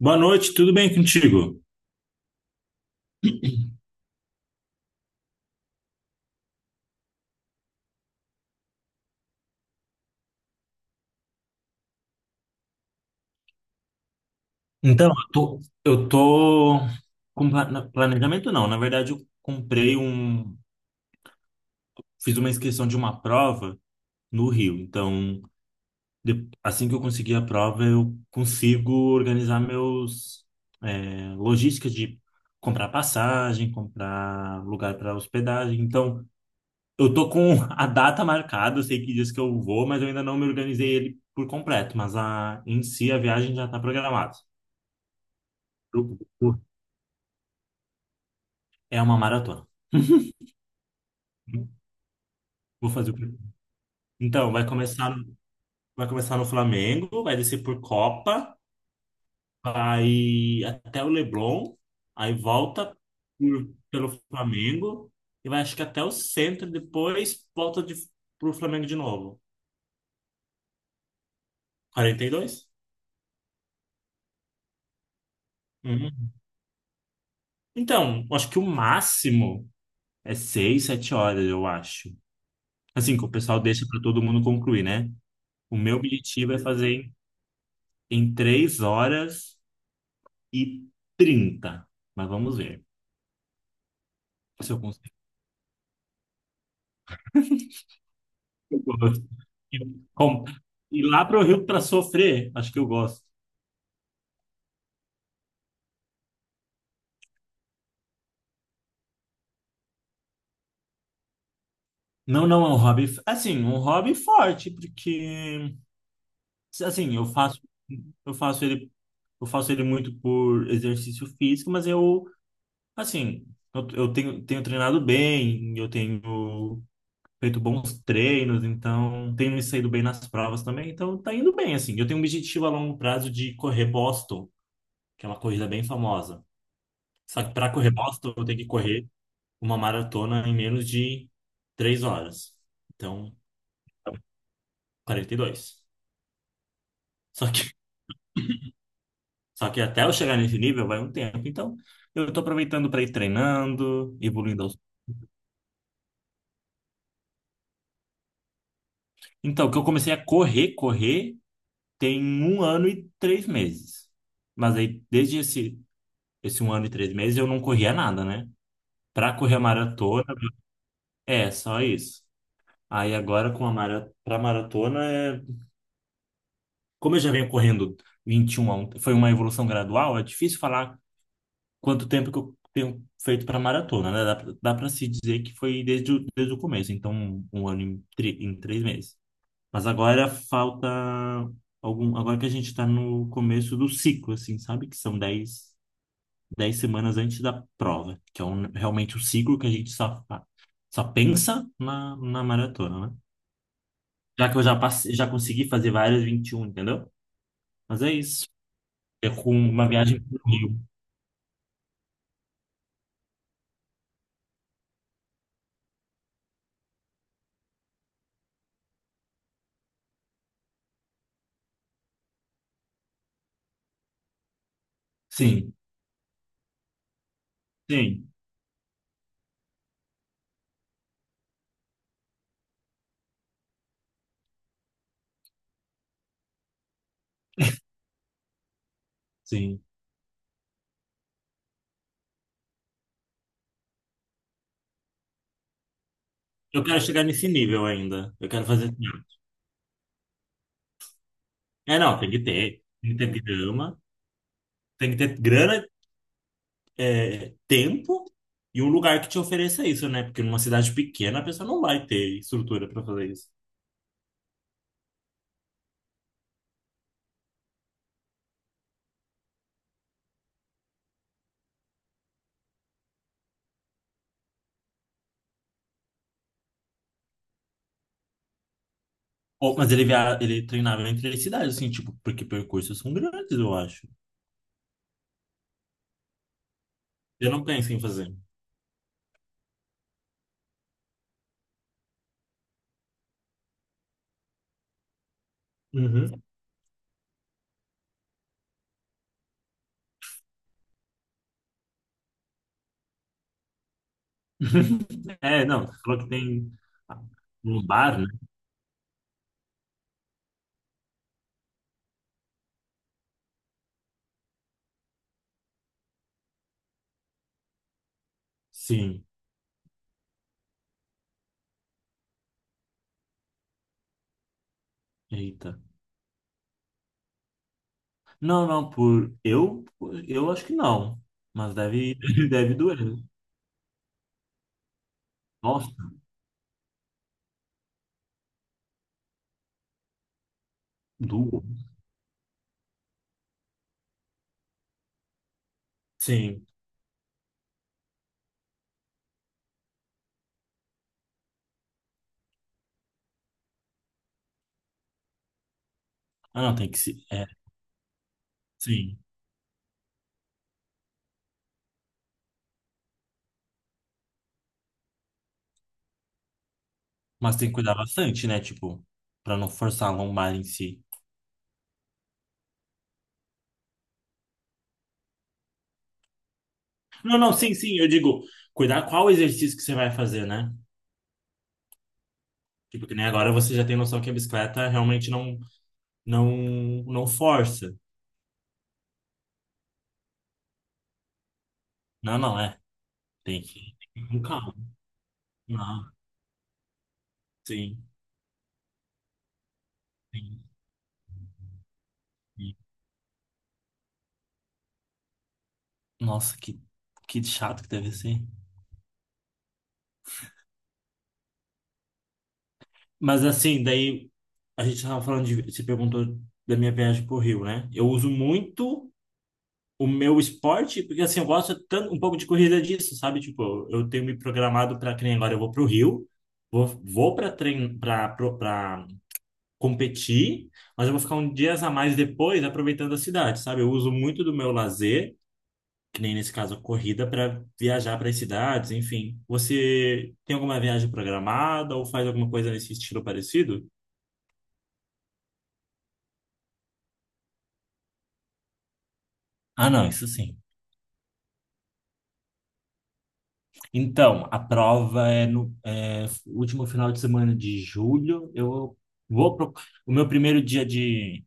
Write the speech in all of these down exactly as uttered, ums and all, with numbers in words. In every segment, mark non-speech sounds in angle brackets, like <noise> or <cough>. Boa noite, tudo bem contigo? Então, eu tô, eu tô com pla- na- planejamento não, na verdade eu comprei um, fiz uma inscrição de uma prova no Rio, então de- assim que eu conseguir a prova eu consigo organizar meus é, logística de comprar passagem, comprar lugar para hospedagem, então eu tô com <laughs> a data marcada, eu sei que diz que eu vou, mas eu ainda não me organizei ele por completo, mas a, em si a viagem já está programada. É uma maratona. Vou fazer o... primeiro. Então, vai começar, vai começar no Flamengo, vai descer por Copa, vai até o Leblon, aí volta por- pelo Flamengo e vai acho que até o centro, depois volta de, pro Flamengo de novo. quarenta e dois? Uhum. Então, acho que o máximo é seis, sete horas, eu acho. Assim, que o pessoal deixa para todo mundo concluir, né? O meu objetivo é fazer em em três horas e trinta. Mas vamos ver se eu consigo. Eu gosto. Eu- com- Ir lá para o Rio para sofrer, acho que eu gosto. Não, não, é um hobby, assim, um hobby forte, porque, assim, eu faço, eu faço ele, eu faço ele muito por exercício físico, mas eu, assim, eu, eu tenho, tenho treinado bem, eu tenho feito bons treinos, então, tenho me saído bem nas provas também, então tá indo bem, assim. Eu tenho um objetivo a longo prazo de correr Boston, que é uma corrida bem famosa. Só que para correr Boston, eu tenho que correr uma maratona em menos de três horas. Então, quarenta e dois. Só que, <laughs> só que até eu chegar nesse nível vai um tempo. Então, eu estou aproveitando para ir treinando, evoluindo. aos- Então, que eu comecei a correr, correr, tem um ano e três meses. Mas aí, desde esse, esse um ano e três meses, eu não corria nada, né? Para correr a maratona, é só isso. Aí agora com a mara... para maratona é como eu já venho correndo vinte e um a um, foi uma evolução gradual, é difícil falar quanto tempo que eu tenho feito para maratona, né? Dá, pra- dá para se dizer que foi desde, o- desde o começo, então um, um ano em, tri- em três meses. Mas agora falta algum, agora que a gente está no começo do ciclo, assim, sabe? Que são dez dez semanas antes da prova, que é um, realmente o ciclo que a gente só, fa- só pensa na, na maratona, né? Já que eu já passei, já consegui fazer várias vinte e um, entendeu? Mas é isso. É com uma viagem pro Rio. Sim, sim, sim. Eu quero chegar nesse nível ainda. Eu quero fazer, assim. É, não, tem que ter. Tem que ter grama, tem que ter grana, é, tempo e um lugar que te ofereça isso, né? Porque numa cidade pequena a pessoa não vai ter estrutura para fazer isso. Ou, mas ele, via, ele treinava entre as cidades, assim, tipo, porque percursos são grandes, eu acho. Eu não penso em fazer. Uhum. <laughs> É, não, você falou que tem um bar, né? Sim. Eita. Não, não, por eu, eu acho que não, mas deve, <laughs> deve doer. Nossa, doer. Sim. Ah, não, tem que se, é, sim. Mas tem que cuidar bastante, né? Tipo, pra não forçar a lombar em si. Não, não, sim, sim, eu digo, cuidar qual exercício que você vai fazer, né? Tipo, que nem agora você já tem noção que a bicicleta realmente não, não, não força. Não, não, é. Tem que, tem que ir com calma. Não, sim, sim, sim. Nossa, que, que chato que deve ser. Mas assim, daí a gente estava falando de, você perguntou da minha viagem pro Rio, né? Eu uso muito o meu esporte, porque assim, eu gosto tanto, um pouco de corrida disso, sabe? Tipo, eu tenho me programado para que nem agora eu vou pro Rio, vou, vou para trein, para para competir, mas eu vou ficar um dias a mais depois aproveitando a cidade, sabe? Eu uso muito do meu lazer, que nem nesse caso a corrida, para viajar para as cidades, enfim. Você tem alguma viagem programada ou faz alguma coisa nesse estilo parecido? Ah, não, isso sim. Então, a prova é no é, último final de semana de julho. Eu vou pro... O meu primeiro dia de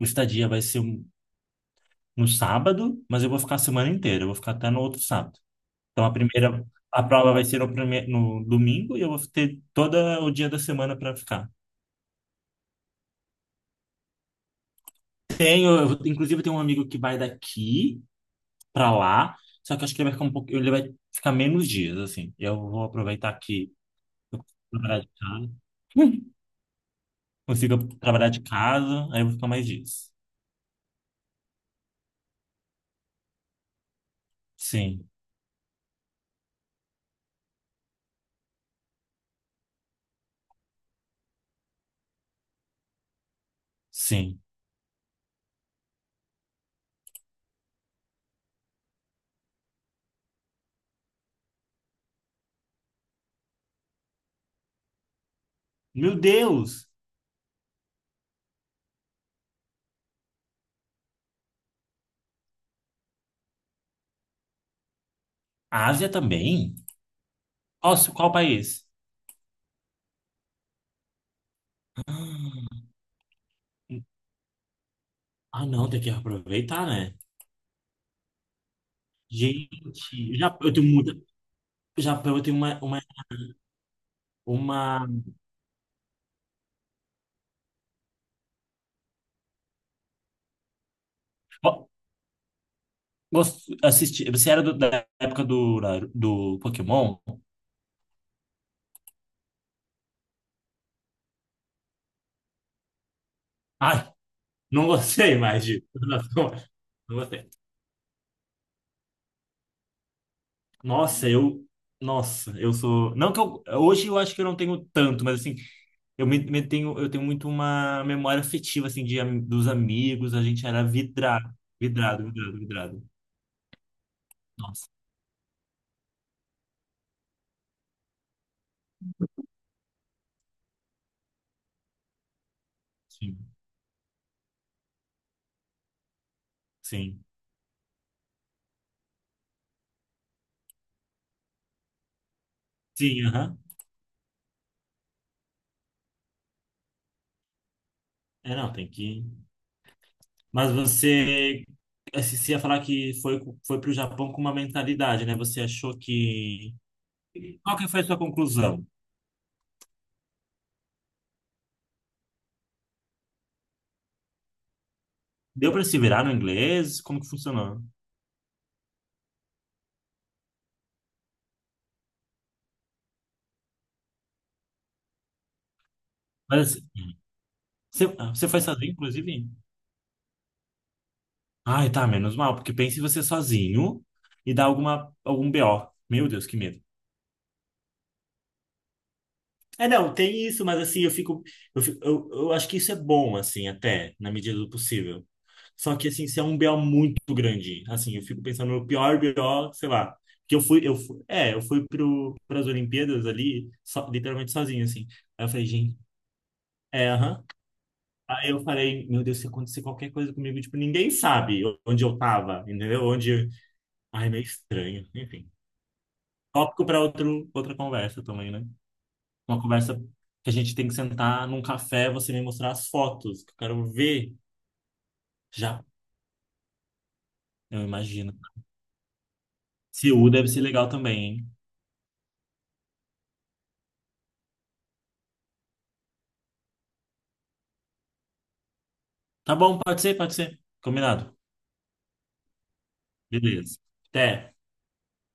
estadia vai ser um- no sábado, mas eu vou ficar a semana inteira. Eu vou ficar até no outro sábado. Então, a primeira... A prova vai ser no, prime... no domingo e eu vou ter todo o dia da semana para ficar. Tenho, eu- inclusive, tem um amigo que vai daqui para lá, só que eu acho que ele vai ficar um pouco. Ele vai ficar menos dias, assim. Eu vou aproveitar aqui, na verdade, tá? Consiga trabalhar de casa, aí eu vou ficar mais dias. Sim, sim. Meu Deus! A Ásia também? Nossa, qual país? Ah, não, tem que aproveitar, né? Gente, já, eu tenho muita. Já eu tenho uma, uma, uma... Ó, gost- assisti, você era do- da época do, do Pokémon? Ai, não gostei mais, de. <laughs> Não gostei. Nossa, eu. Nossa, eu sou. Não que eu. Hoje eu acho que eu não tenho tanto, mas assim, eu me, me tenho, eu tenho muito uma memória afetiva, assim, de, am- dos amigos. A gente era vidrado. Vidrado, vidrado, vidrado. Nossa, sim. Sim. Sim, aham. É, não, tem que. Mas você, assim. Você ia falar que foi, co- foi pro Japão com uma mentalidade, né? Você achou que. Qual que foi a sua conclusão? Deu para se virar no inglês? Como que funcionou? Mas, assim, você, ah, você foi sozinho, inclusive? Ai, tá, menos mal, porque pense você sozinho e dá alguma, algum B O. Meu Deus, que medo. É, não, tem isso, mas assim, eu fico, eu fico- eu, eu acho que isso é bom, assim, até, na medida do possível. Só que, assim, se é um B O muito grande, assim, eu fico pensando no pior B O, sei lá, que eu fui, eu fui, é, eu fui pro, pras Olimpíadas ali, só- literalmente sozinho, assim. Aí eu falei, gente, é, aham. Aí eu falei, meu Deus, se acontecer qualquer coisa comigo, tipo, ninguém sabe onde eu tava, entendeu? Onde, ai, meio estranho, enfim. Tópico para outro, outra conversa também, né? Uma conversa que a gente tem que sentar num café, você me mostrar as fotos, que eu quero ver já, eu imagino. Seul deve ser legal também, hein? Tá bom, pode ser, pode ser. Combinado. Beleza. Até.